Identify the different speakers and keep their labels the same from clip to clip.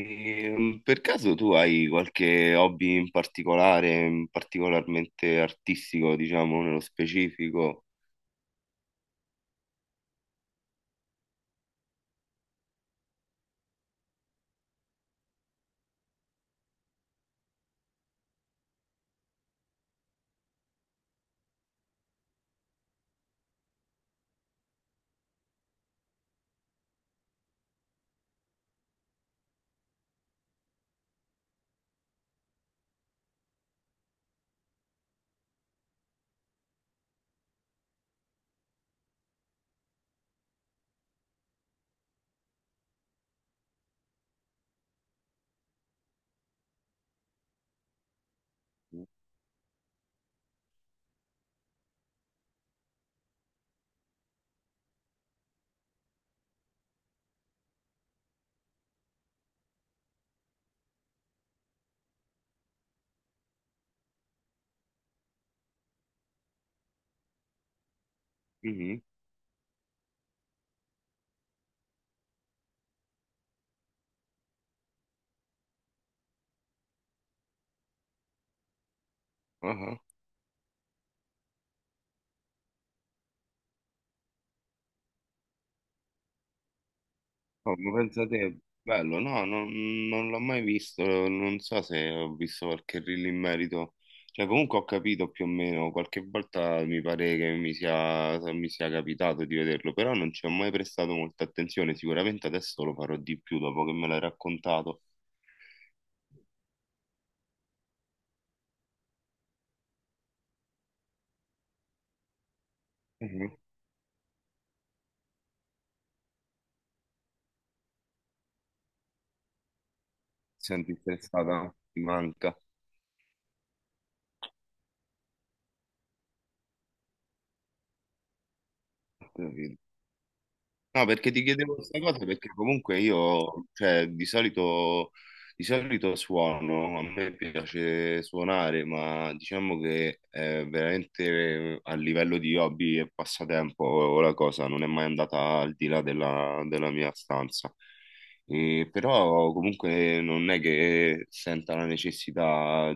Speaker 1: E, per caso tu hai qualche hobby in particolare, in particolarmente artistico, diciamo, nello specifico? Mhm, aha. Oh, ma pensa te, bello, no, non l'ho mai visto, non so se ho visto qualche reel in merito, cioè comunque ho capito più o meno, qualche volta mi pare che mi sia capitato di vederlo, però non ci ho mai prestato molta attenzione, sicuramente adesso lo farò di più dopo che me l'hai raccontato. Mhm. Senti stressata, ti manca. Ho capito. No, perché ti chiedevo questa cosa perché comunque io, cioè, di solito suono, a me piace suonare, ma diciamo che veramente a livello di hobby e passatempo la cosa non è mai andata al di là della mia stanza. E però comunque non è che senta la necessità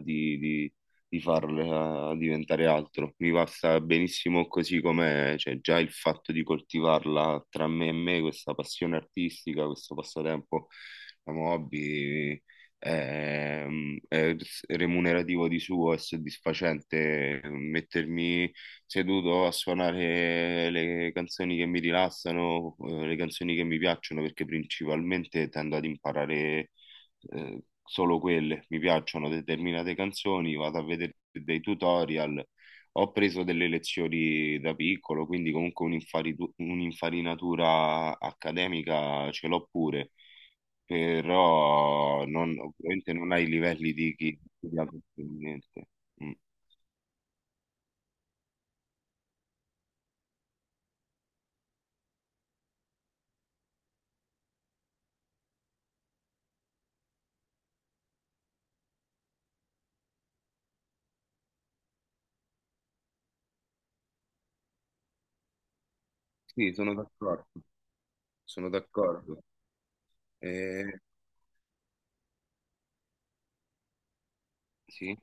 Speaker 1: di farla diventare altro. Mi basta benissimo così com'è, cioè già il fatto di coltivarla tra me e me, questa passione artistica, questo passatempo, la hobby, è, è remunerativo di suo, è soddisfacente mettermi seduto a suonare le canzoni che mi rilassano, le canzoni che mi piacciono, perché principalmente tendo ad imparare solo quelle, mi piacciono determinate canzoni, vado a vedere dei tutorial, ho preso delle lezioni da piccolo, quindi comunque un'infarinatura accademica ce l'ho pure, però non, ovviamente non hai i livelli di chi ha studiato niente. Mm. Sì, sono d'accordo, sono d'accordo. Eh, sì.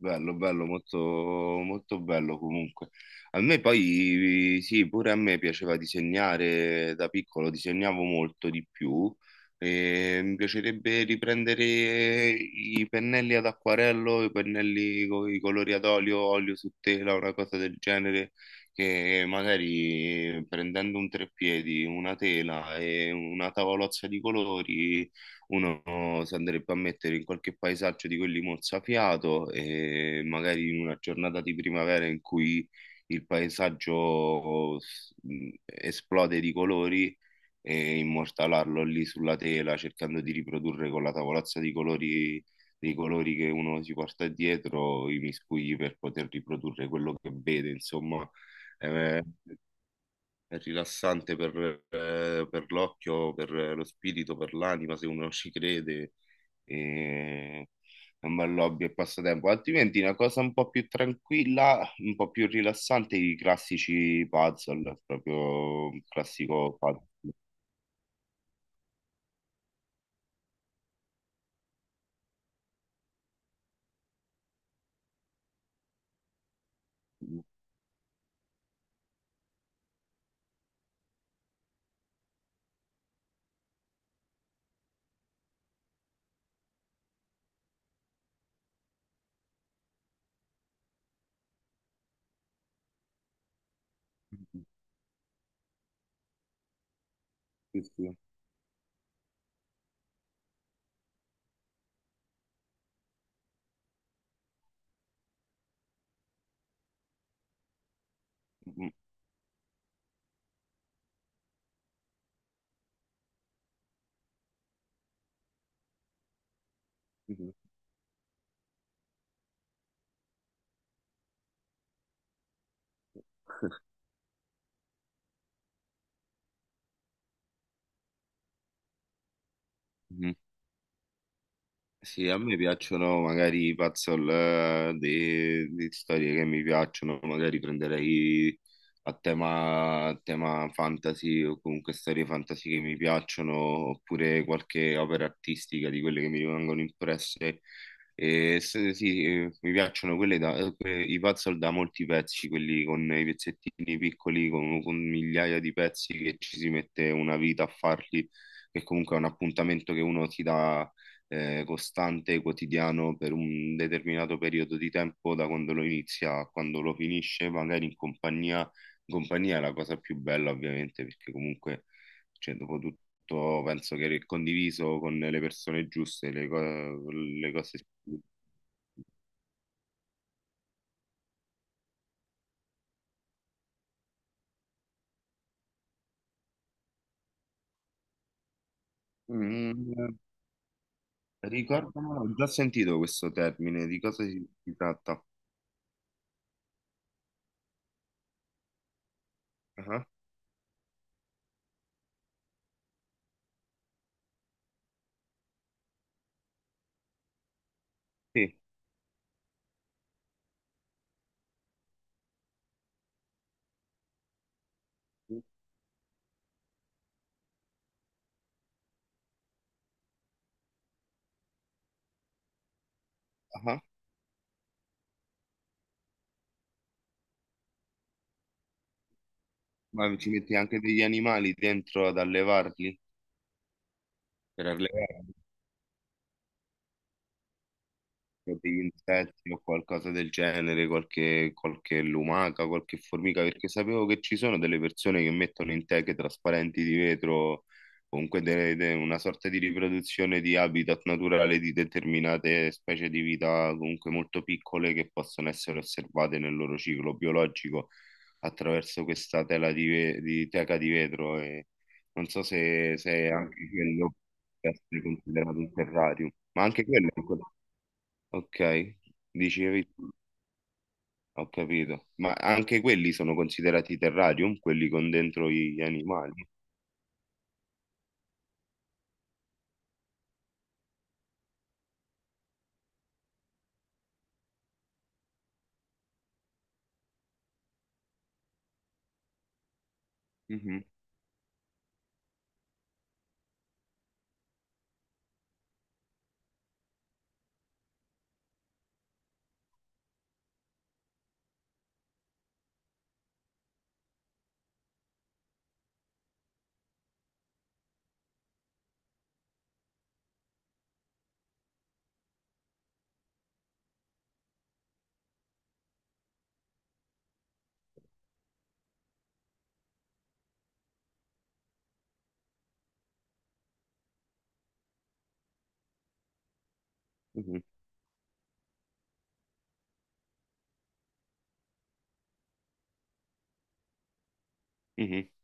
Speaker 1: Bello, bello, molto, molto bello comunque. A me poi, sì, pure a me piaceva disegnare da piccolo, disegnavo molto di più e mi piacerebbe riprendere i pennelli ad acquarello, i pennelli con i colori ad olio, olio su tela, una cosa del genere, che magari prendendo un treppiedi, una tela e una tavolozza di colori uno si andrebbe a mettere in qualche paesaggio di quelli mozzafiato e magari in una giornata di primavera in cui il paesaggio esplode di colori e immortalarlo lì sulla tela cercando di riprodurre con la tavolazza di colori, dei colori che uno si porta dietro i miscugli per poter riprodurre quello che vede, insomma. Eh, è rilassante per l'occhio, per lo spirito, per l'anima, se uno ci crede. E... È un bel hobby e passatempo. Altrimenti una cosa un po' più tranquilla, un po' più rilassante, i classici puzzle, proprio un classico puzzle. Sì, sì. Mhm. Sì, a me piacciono magari i puzzle, di storie che mi piacciono, magari prenderei a tema fantasy o comunque storie fantasy che mi piacciono, oppure qualche opera artistica di quelle che mi rimangono impresse. E sì, mi piacciono quelle i puzzle da molti pezzi, quelli con i pezzettini piccoli, con migliaia di pezzi che ci si mette una vita a farli, che comunque è un appuntamento che uno si dà costante, quotidiano per un determinato periodo di tempo, da quando lo inizia a quando lo finisce, magari in compagnia. In compagnia è la cosa più bella, ovviamente, perché comunque, cioè, dopo tutto, penso che condiviso con le persone giuste, le cose... Mm, ricordamelo, ho già sentito questo termine, di cosa si, si tratta? Ah, sì. Ah, ma ci metti anche degli animali dentro ad allevarli? Per allevarli? Degli insetti o qualcosa del genere, qualche, qualche lumaca, qualche formica, perché sapevo che ci sono delle persone che mettono in teche trasparenti di vetro, comunque una sorta di riproduzione di habitat naturale di determinate specie di vita, comunque molto piccole, che possono essere osservate nel loro ciclo biologico attraverso questa tela di teca di vetro. E non so se, se anche quello può essere considerato un terrarium, ma anche quello è un ok, dicevi, ho capito. Ma anche quelli sono considerati terrarium, quelli con dentro gli animali? Mhm, mhm, mhm.